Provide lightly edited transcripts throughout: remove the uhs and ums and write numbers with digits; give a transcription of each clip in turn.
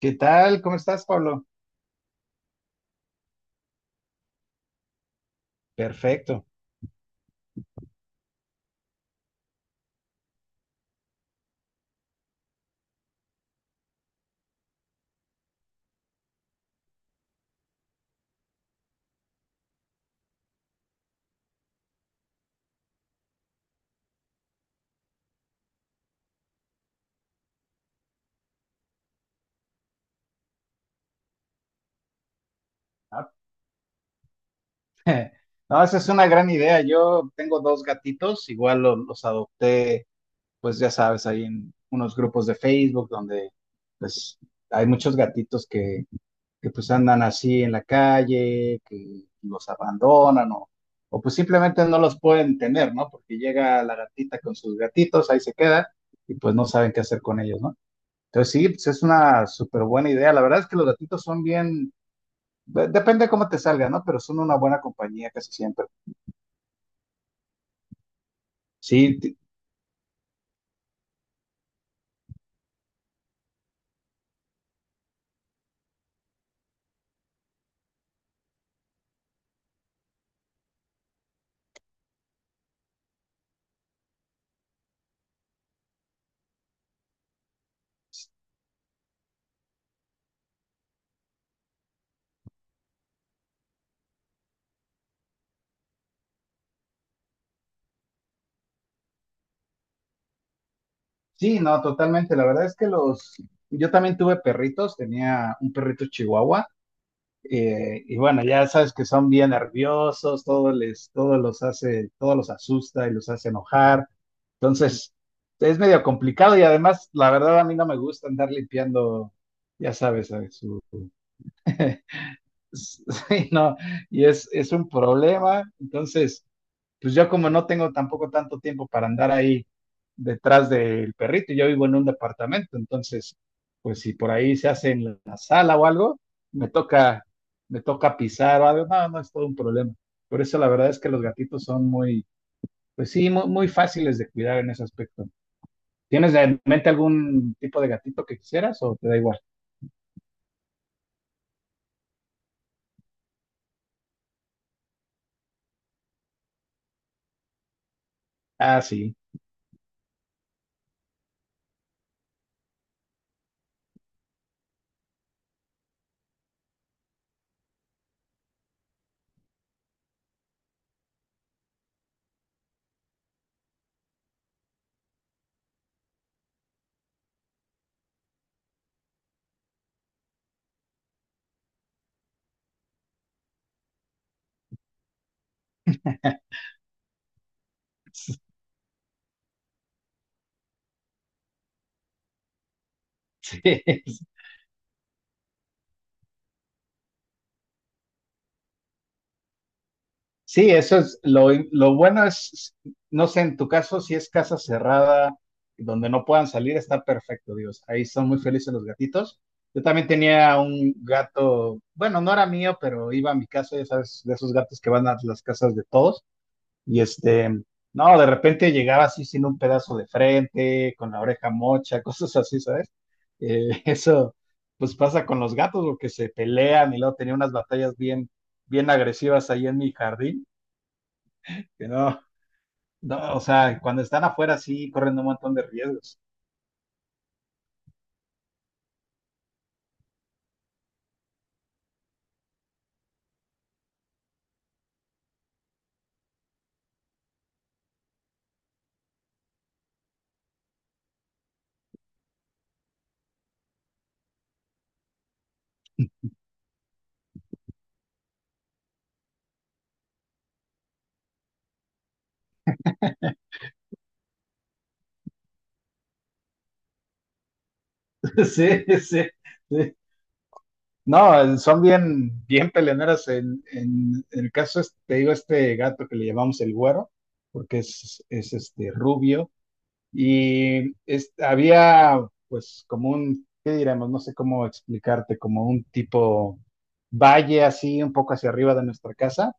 ¿Qué tal? ¿Cómo estás, Pablo? Perfecto. Ah, No, esa es una gran idea. Yo tengo dos gatitos, igual los adopté, pues ya sabes, ahí en unos grupos de Facebook donde pues hay muchos gatitos que pues andan así en la calle, que los abandonan o pues simplemente no los pueden tener, ¿no? Porque llega la gatita con sus gatitos, ahí se queda y pues no saben qué hacer con ellos, ¿no? Entonces sí, pues es una súper buena idea. La verdad es que los gatitos son bien, depende de cómo te salga, ¿no? Pero son una buena compañía casi siempre. Sí, sí, no, totalmente. La verdad es que los, yo también tuve perritos, tenía un perrito chihuahua. Y bueno, ya sabes que son bien nerviosos, todo les, todo los hace, todo los asusta y los hace enojar. Entonces, es medio complicado y además, la verdad, a mí no me gusta andar limpiando, ya sabes, ¿sabes? Su... Sí, no, y es un problema. Entonces, pues yo como no tengo tampoco tanto tiempo para andar ahí detrás del perrito, yo vivo en un departamento, entonces, pues si por ahí se hace en la sala o algo, me toca, me toca pisar o algo, no, no es todo un problema. Por eso la verdad es que los gatitos son muy, pues sí, muy, muy fáciles de cuidar en ese aspecto. ¿Tienes en mente algún tipo de gatito que quisieras o te da igual? Ah, sí. Sí, sí, eso es lo bueno es, no sé, en tu caso, si es casa cerrada, donde no puedan salir, está perfecto, Dios. Ahí son muy felices los gatitos. Yo también tenía un gato, bueno, no era mío, pero iba a mi casa, ya sabes, de esos gatos que van a las casas de todos. Y este, no, de repente llegaba así sin un pedazo de frente, con la oreja mocha, cosas así, ¿sabes? Eso, pues pasa con los gatos, porque se pelean y luego tenía unas batallas bien, bien agresivas ahí en mi jardín que no, no, o sea, cuando están afuera sí corren un montón de riesgos. Sí, sí, sí. No, son bien, bien peleoneras. En el caso, este, te digo, este gato que le llamamos el güero, porque es este rubio, y había pues como un, ¿qué diremos? No sé cómo explicarte, como un tipo valle así, un poco hacia arriba de nuestra casa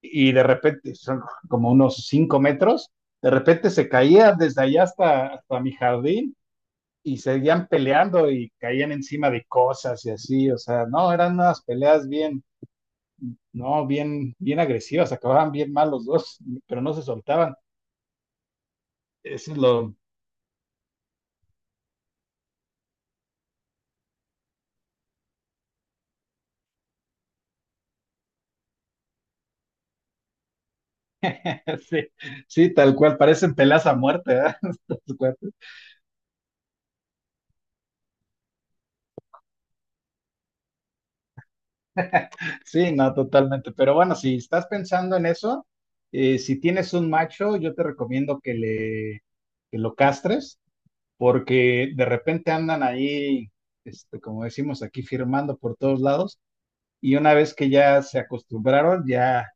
y de repente, son como unos 5 metros, de repente se caían desde allá hasta, hasta mi jardín y seguían peleando y caían encima de cosas y así, o sea, no, eran unas peleas bien, no, bien, bien agresivas, acababan bien mal los dos, pero no se soltaban. Eso es lo, sí, sí, tal cual, parecen peleas a muerte, ¿verdad? Tal cual. Sí, no, totalmente. Pero bueno, si estás pensando en eso, si tienes un macho, yo te recomiendo que le, que lo castres porque de repente andan ahí, este, como decimos aquí, firmando por todos lados, y una vez que ya se acostumbraron, ya,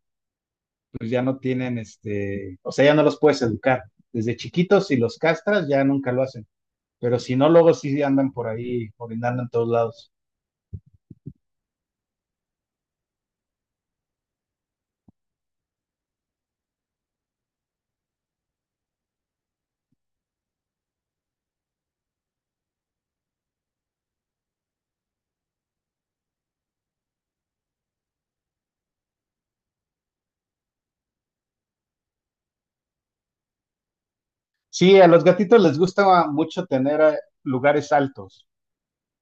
pues ya no tienen, este, o sea, ya no los puedes educar. Desde chiquitos, si los castras, ya nunca lo hacen, pero si no, luego sí andan por ahí, orinando en todos lados. Sí, a los gatitos les gusta mucho tener lugares altos.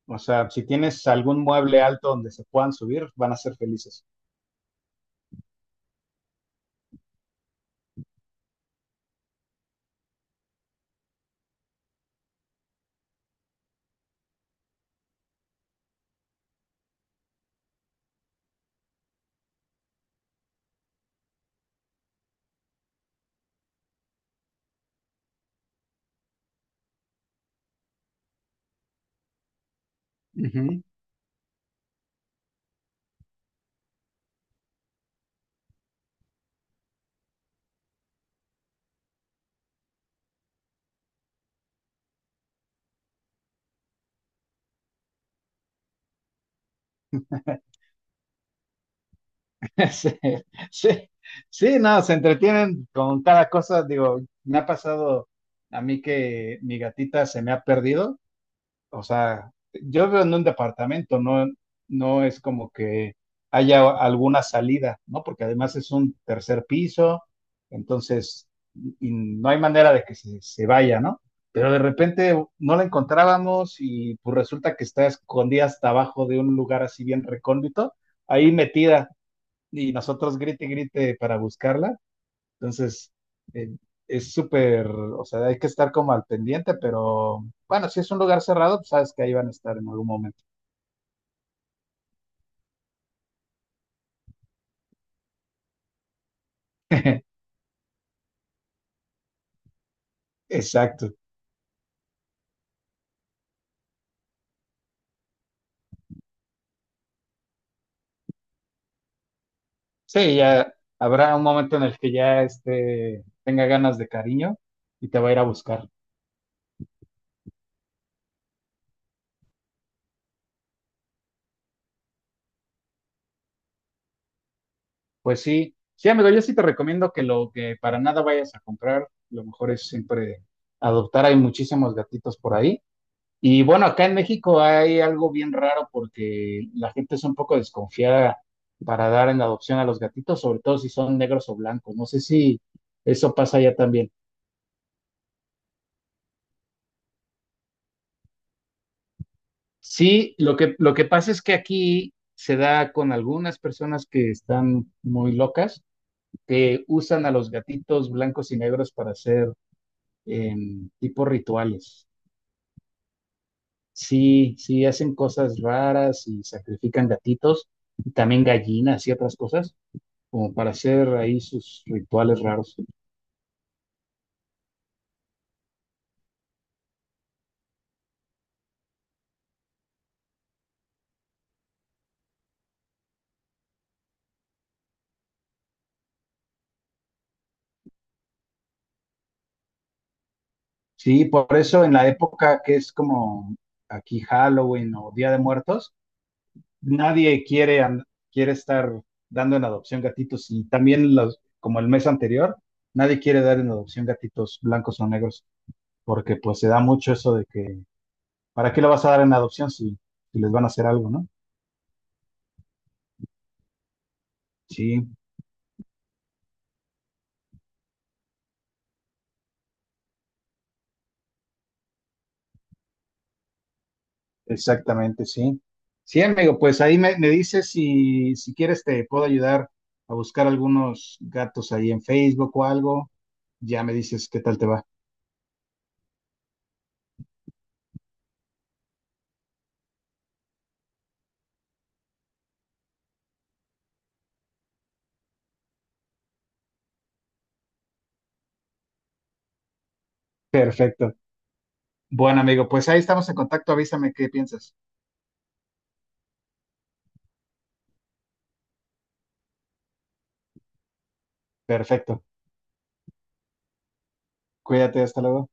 O sea, si tienes algún mueble alto donde se puedan subir, van a ser felices. Ujú. Sí, sí, sí, no, se entretienen con cada cosa. Digo, me ha pasado a mí que mi gatita se me ha perdido. O sea, yo vivo en un departamento, no, no es como que haya alguna salida, ¿no? Porque además es un tercer piso, entonces y no hay manera de que se vaya, ¿no? Pero de repente no la encontrábamos y pues resulta que está escondida hasta abajo de un lugar así bien recóndito, ahí metida y nosotros grite y grite para buscarla. Entonces, eh, es súper, o sea, hay que estar como al pendiente, pero bueno, si es un lugar cerrado, pues sabes que ahí van a estar en algún momento. Exacto. Sí, ya habrá un momento en el que ya este, tenga ganas de cariño y te va a ir a buscar. Pues sí, sí, amigo, yo sí te recomiendo que lo que para nada vayas a comprar, lo mejor es siempre adoptar. Hay muchísimos gatitos por ahí. Y bueno, acá en México hay algo bien raro porque la gente es un poco desconfiada para dar en adopción a los gatitos, sobre todo si son negros o blancos. No sé si eso pasa allá también. Sí, lo que pasa es que aquí se da con algunas personas que están muy locas, que usan a los gatitos blancos y negros para hacer tipo rituales. Sí, sí, hacen cosas raras y sacrifican gatitos y también gallinas y otras cosas como para hacer ahí sus rituales raros. Sí, por eso en la época que es como aquí Halloween o Día de Muertos, nadie quiere, quiere estar dando en adopción gatitos y también los, como el mes anterior, nadie quiere dar en adopción gatitos blancos o negros porque pues se da mucho eso de que, ¿para qué lo vas a dar en adopción si, si les van a hacer algo, ¿no? Sí, exactamente, sí. Sí, amigo, pues ahí me, me dices si, si quieres te puedo ayudar a buscar algunos gatos ahí en Facebook o algo. Ya me dices qué tal te va. Perfecto. Bueno, amigo, pues ahí estamos en contacto. Avísame qué piensas. Perfecto. Cuídate, hasta luego.